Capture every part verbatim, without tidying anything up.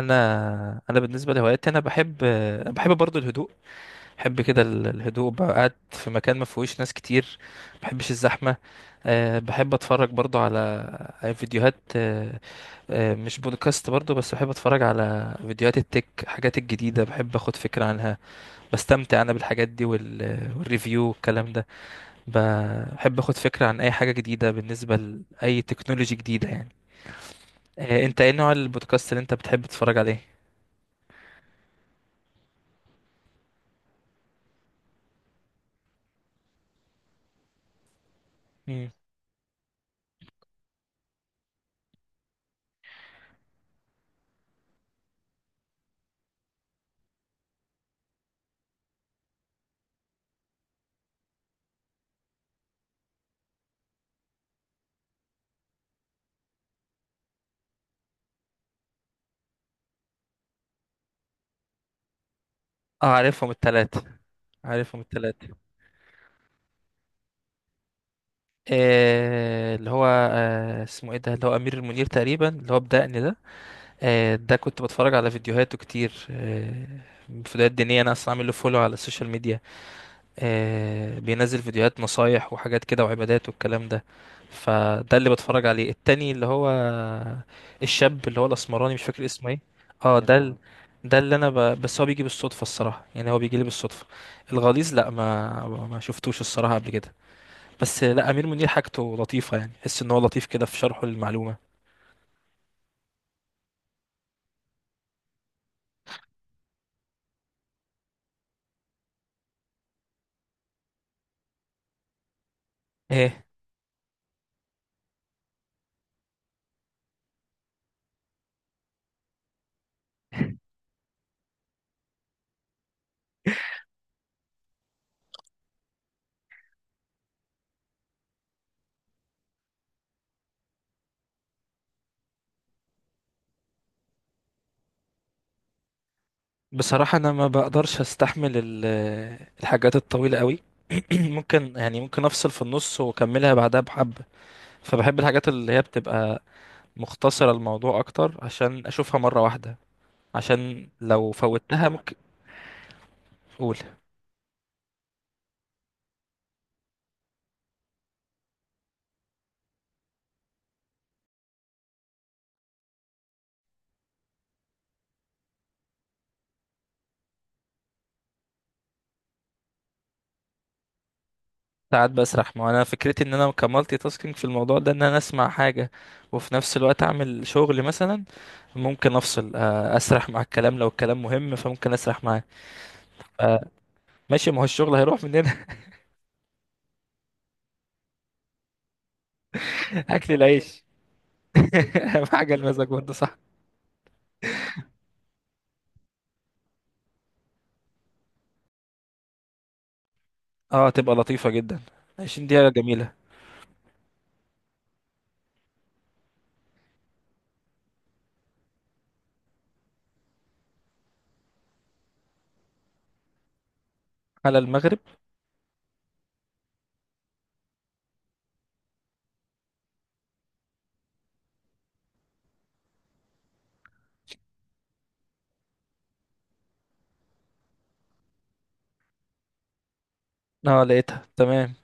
انا انا بالنسبه لهواياتي انا بحب أنا بحب برضو الهدوء. بحب كده ال- الهدوء، بقى قاعد في مكان ما فيهوش ناس كتير. ما بحبش الزحمه. أه بحب اتفرج برضو على على فيديوهات. أه أه مش بودكاست برضو، بس بحب اتفرج على فيديوهات التك، حاجات الجديده بحب اخد فكره عنها. بستمتع انا بالحاجات دي وال... والريفيو والكلام ده. ب- بحب اخد فكره عن اي حاجه جديده بالنسبه لاي تكنولوجي جديده يعني. أه، انت ايه نوع البودكاست اللي انت بتحب تتفرج عليه؟ اه، عارفهم التلاتة، عارفهم التلاتة آه، اللي هو آه اسمه ايه ده، اللي هو أمير المنير تقريبا، اللي هو بدقن ده. آه، ده كنت بتفرج على فيديوهاته كتير، آه، فيديوهات دينية. أنا أصلا عامل له فولو على السوشيال ميديا. آه، بينزل فيديوهات نصايح وحاجات كده وعبادات والكلام ده. فده اللي بتفرج عليه. التاني اللي هو الشاب اللي هو الاسمراني مش فاكر اسمه ايه. اه ده ال... اه ده اللي انا ب... بس هو بيجي بالصدفة الصراحة، يعني هو بيجي لي بالصدفة. الغليظ لا، ما ما شفتوش الصراحة قبل كده. بس لا، امير منير حاجته لطيفة، يعني حس ان هو لطيف كده في شرحه للمعلومة. ايه، بصراحة انا ما بقدرش استحمل ال... الحاجات الطويلة قوي. ممكن يعني ممكن افصل في النص واكملها بعدها بحبة. فبحب الحاجات اللي هي بتبقى مختصرة الموضوع أكتر عشان أشوفها مرة واحدة، عشان لو فوتها ممكن. أقول. ساعات بسرح، ما هو أنا فكرتي إن أنا كمالتي تاسكينج في الموضوع ده، إن أنا أسمع حاجة وفي نفس الوقت أعمل شغل مثلا. ممكن أفصل، آه، أسرح مع الكلام، لو الكلام مهم فممكن أسرح معاه. آه، ماشي، ما هو الشغل هيروح مننا. أكل العيش. أهم حاجة المزاج برضه، صح. اه، تبقى لطيفة جدا. عشرين دقيقة جميلة. على المغرب. اه، لقيتها تمام.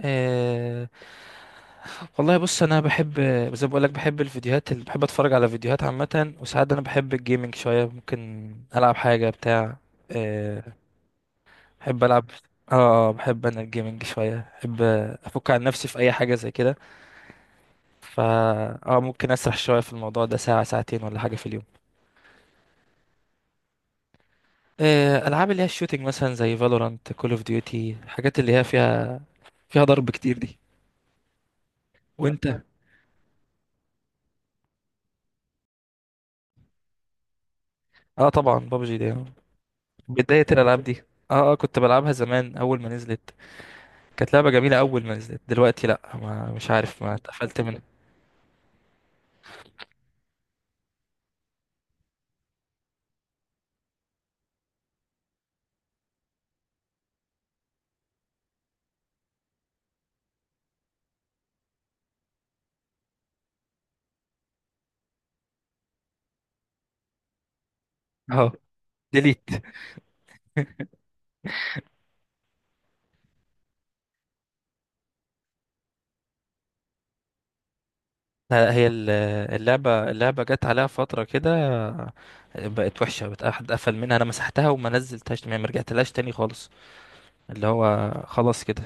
آه، والله بص انا بحب، زي ما بقول لك بحب الفيديوهات، اللي بحب اتفرج على فيديوهات عامه. وساعات انا بحب الجيمنج شويه، ممكن العب حاجه بتاع. آه، بحب العب. اه. آه، بحب انا الجيمنج شويه، بحب افك عن نفسي في اي حاجه زي كده. فا، اه ممكن اسرح شويه في الموضوع ده ساعه ساعتين ولا حاجه في اليوم. آه، العاب اللي هي الشوتينج مثلا، زي فالورانت، كول اوف ديوتي، الحاجات اللي هي فيها فيها ضرب كتير دي. وانت؟ اه طبعا، بابجي دي آه. بدايه الالعاب دي. اه اه كنت بلعبها زمان اول ما نزلت. كانت لعبة جميلة أول ما نزلت. دلوقتي لأ، ما مش عارف، ما اتقفلت منها. أهو ديليت. لا، هي ال- اللعبة اللعبة جت عليها فترة كده، بقت وحشة، بقت أحد قفل منها. أنا مسحتها وما نزلتهاش، ما رجعتلهاش تاني خالص. اللي هو خلاص كده.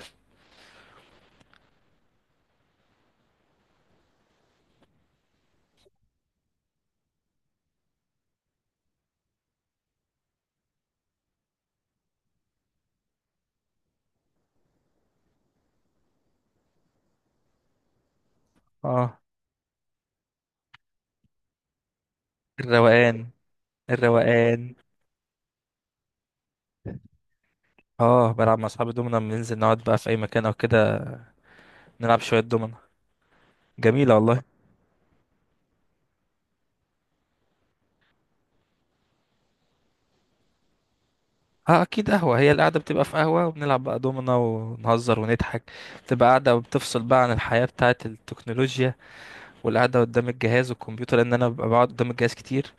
اه، الروقان، الروقان اه، بلعب مع أصحابي دومنا، بننزل نقعد بقى في أي مكان أو كده، نلعب شوية دومنا. جميلة والله. اه اكيد قهوة، هي القعدة بتبقى في قهوة وبنلعب بقى دومنا ونهزر ونضحك. بتبقى قاعدة بتفصل بقى عن الحياة بتاعة التكنولوجيا والقعدة قدام الجهاز والكمبيوتر، لان انا ببقى بقعد قدام الجهاز كتير،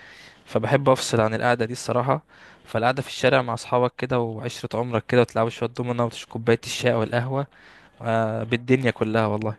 فبحب افصل عن القعدة دي الصراحة. فالقعدة في الشارع مع اصحابك كده وعشرة عمرك كده وتلعبوا شوية دومنا وتشربوا كوباية الشاي او القهوة، آه بالدنيا كلها والله.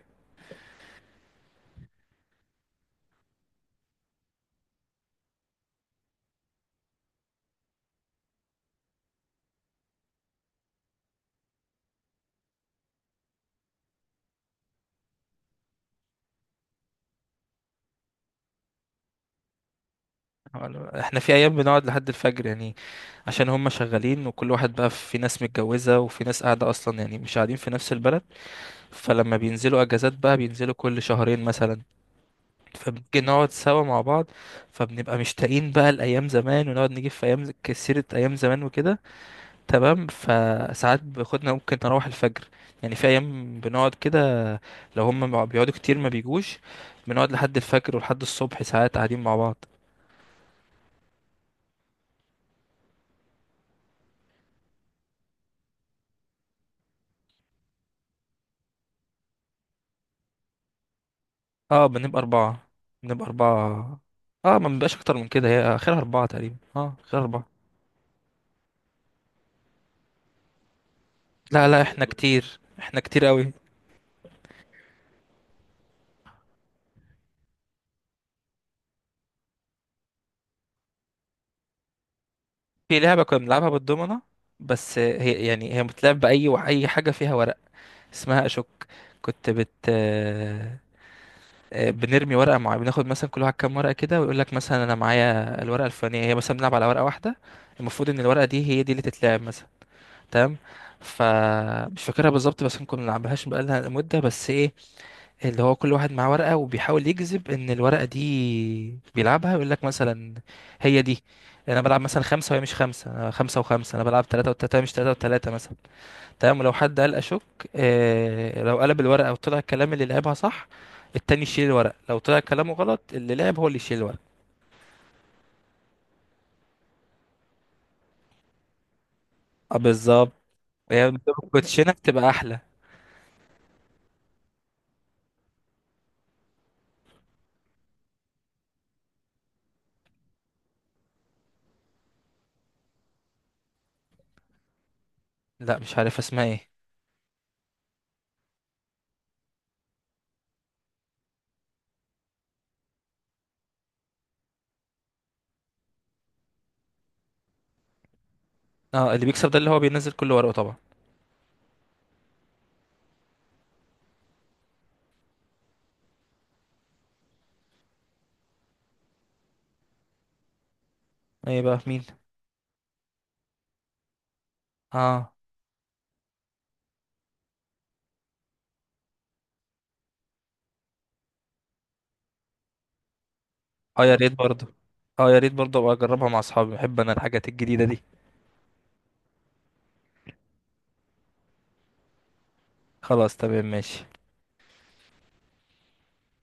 احنا في ايام بنقعد لحد الفجر يعني، عشان هم شغالين وكل واحد بقى، في ناس متجوزة وفي ناس قاعدة اصلا يعني مش قاعدين في نفس البلد. فلما بينزلوا اجازات بقى، بينزلوا كل شهرين مثلا، فبنيجي نقعد سوا مع بعض. فبنبقى مشتاقين بقى لايام زمان، ونقعد نجيب في ايام كسيرة ايام زمان وكده. تمام، فساعات باخدنا ممكن نروح الفجر، يعني في ايام بنقعد كده. لو هم ما- بيقعدوا كتير ما بيجوش، بنقعد لحد الفجر ولحد الصبح ساعات قاعدين مع بعض. اه، بنبقى اربعة بنبقى اربعة اه، ما بنبقاش اكتر من كده، هي اخرها اربعة تقريبا، اه اخرها اربعة. لا لا، احنا كتير احنا كتير قوي. في لعبة كنا بنلعبها بالدومنة، بس هي يعني هي بتلعب بأي أي حاجة فيها ورق، اسمها أشك. كنت بت آه، آه، بنرمي ورقة معينة، بناخد مثلا كل واحد كام ورقة كده، ويقول لك مثلا أنا معايا الورقة الفلانية. هي مثلا بنلعب على ورقة واحدة، المفروض إن الورقة دي هي دي اللي تتلعب مثلا. تمام. فمش فاكرها بالظبط، بس ممكن ما نلعبهاش بقالها مدة. بس إيه، اللي هو كل واحد معاه ورقة وبيحاول يجذب ان الورقة دي بيلعبها. يقول لك مثلا هي دي، انا بلعب مثلا خمسة وهي مش خمسة، انا خمسة وخمسة، انا بلعب ثلاثة وثلاثة وهي مش ثلاثة وثلاثة مثلا. تمام. ولو حد قال اشك، آه، لو قلب الورقة وطلع الكلام اللي لعبها صح، التاني يشيل الورقة. لو طلع كلامه غلط، اللي لعب هو اللي يشيل الورقة. اه بالظبط. هي بتبقى كوتشينة بتبقى احلى. لا مش عارف اسمها ايه. اه اللي بيكسب ده اللي هو بينزل كل ورقه طبعا. ايه بقى مين. اه. اه يا ريت برضه اه يا ريت برضه ابقى اجربها مع اصحابي، بحب انا الحاجات الجديدة دي. خلاص تمام، ماشي.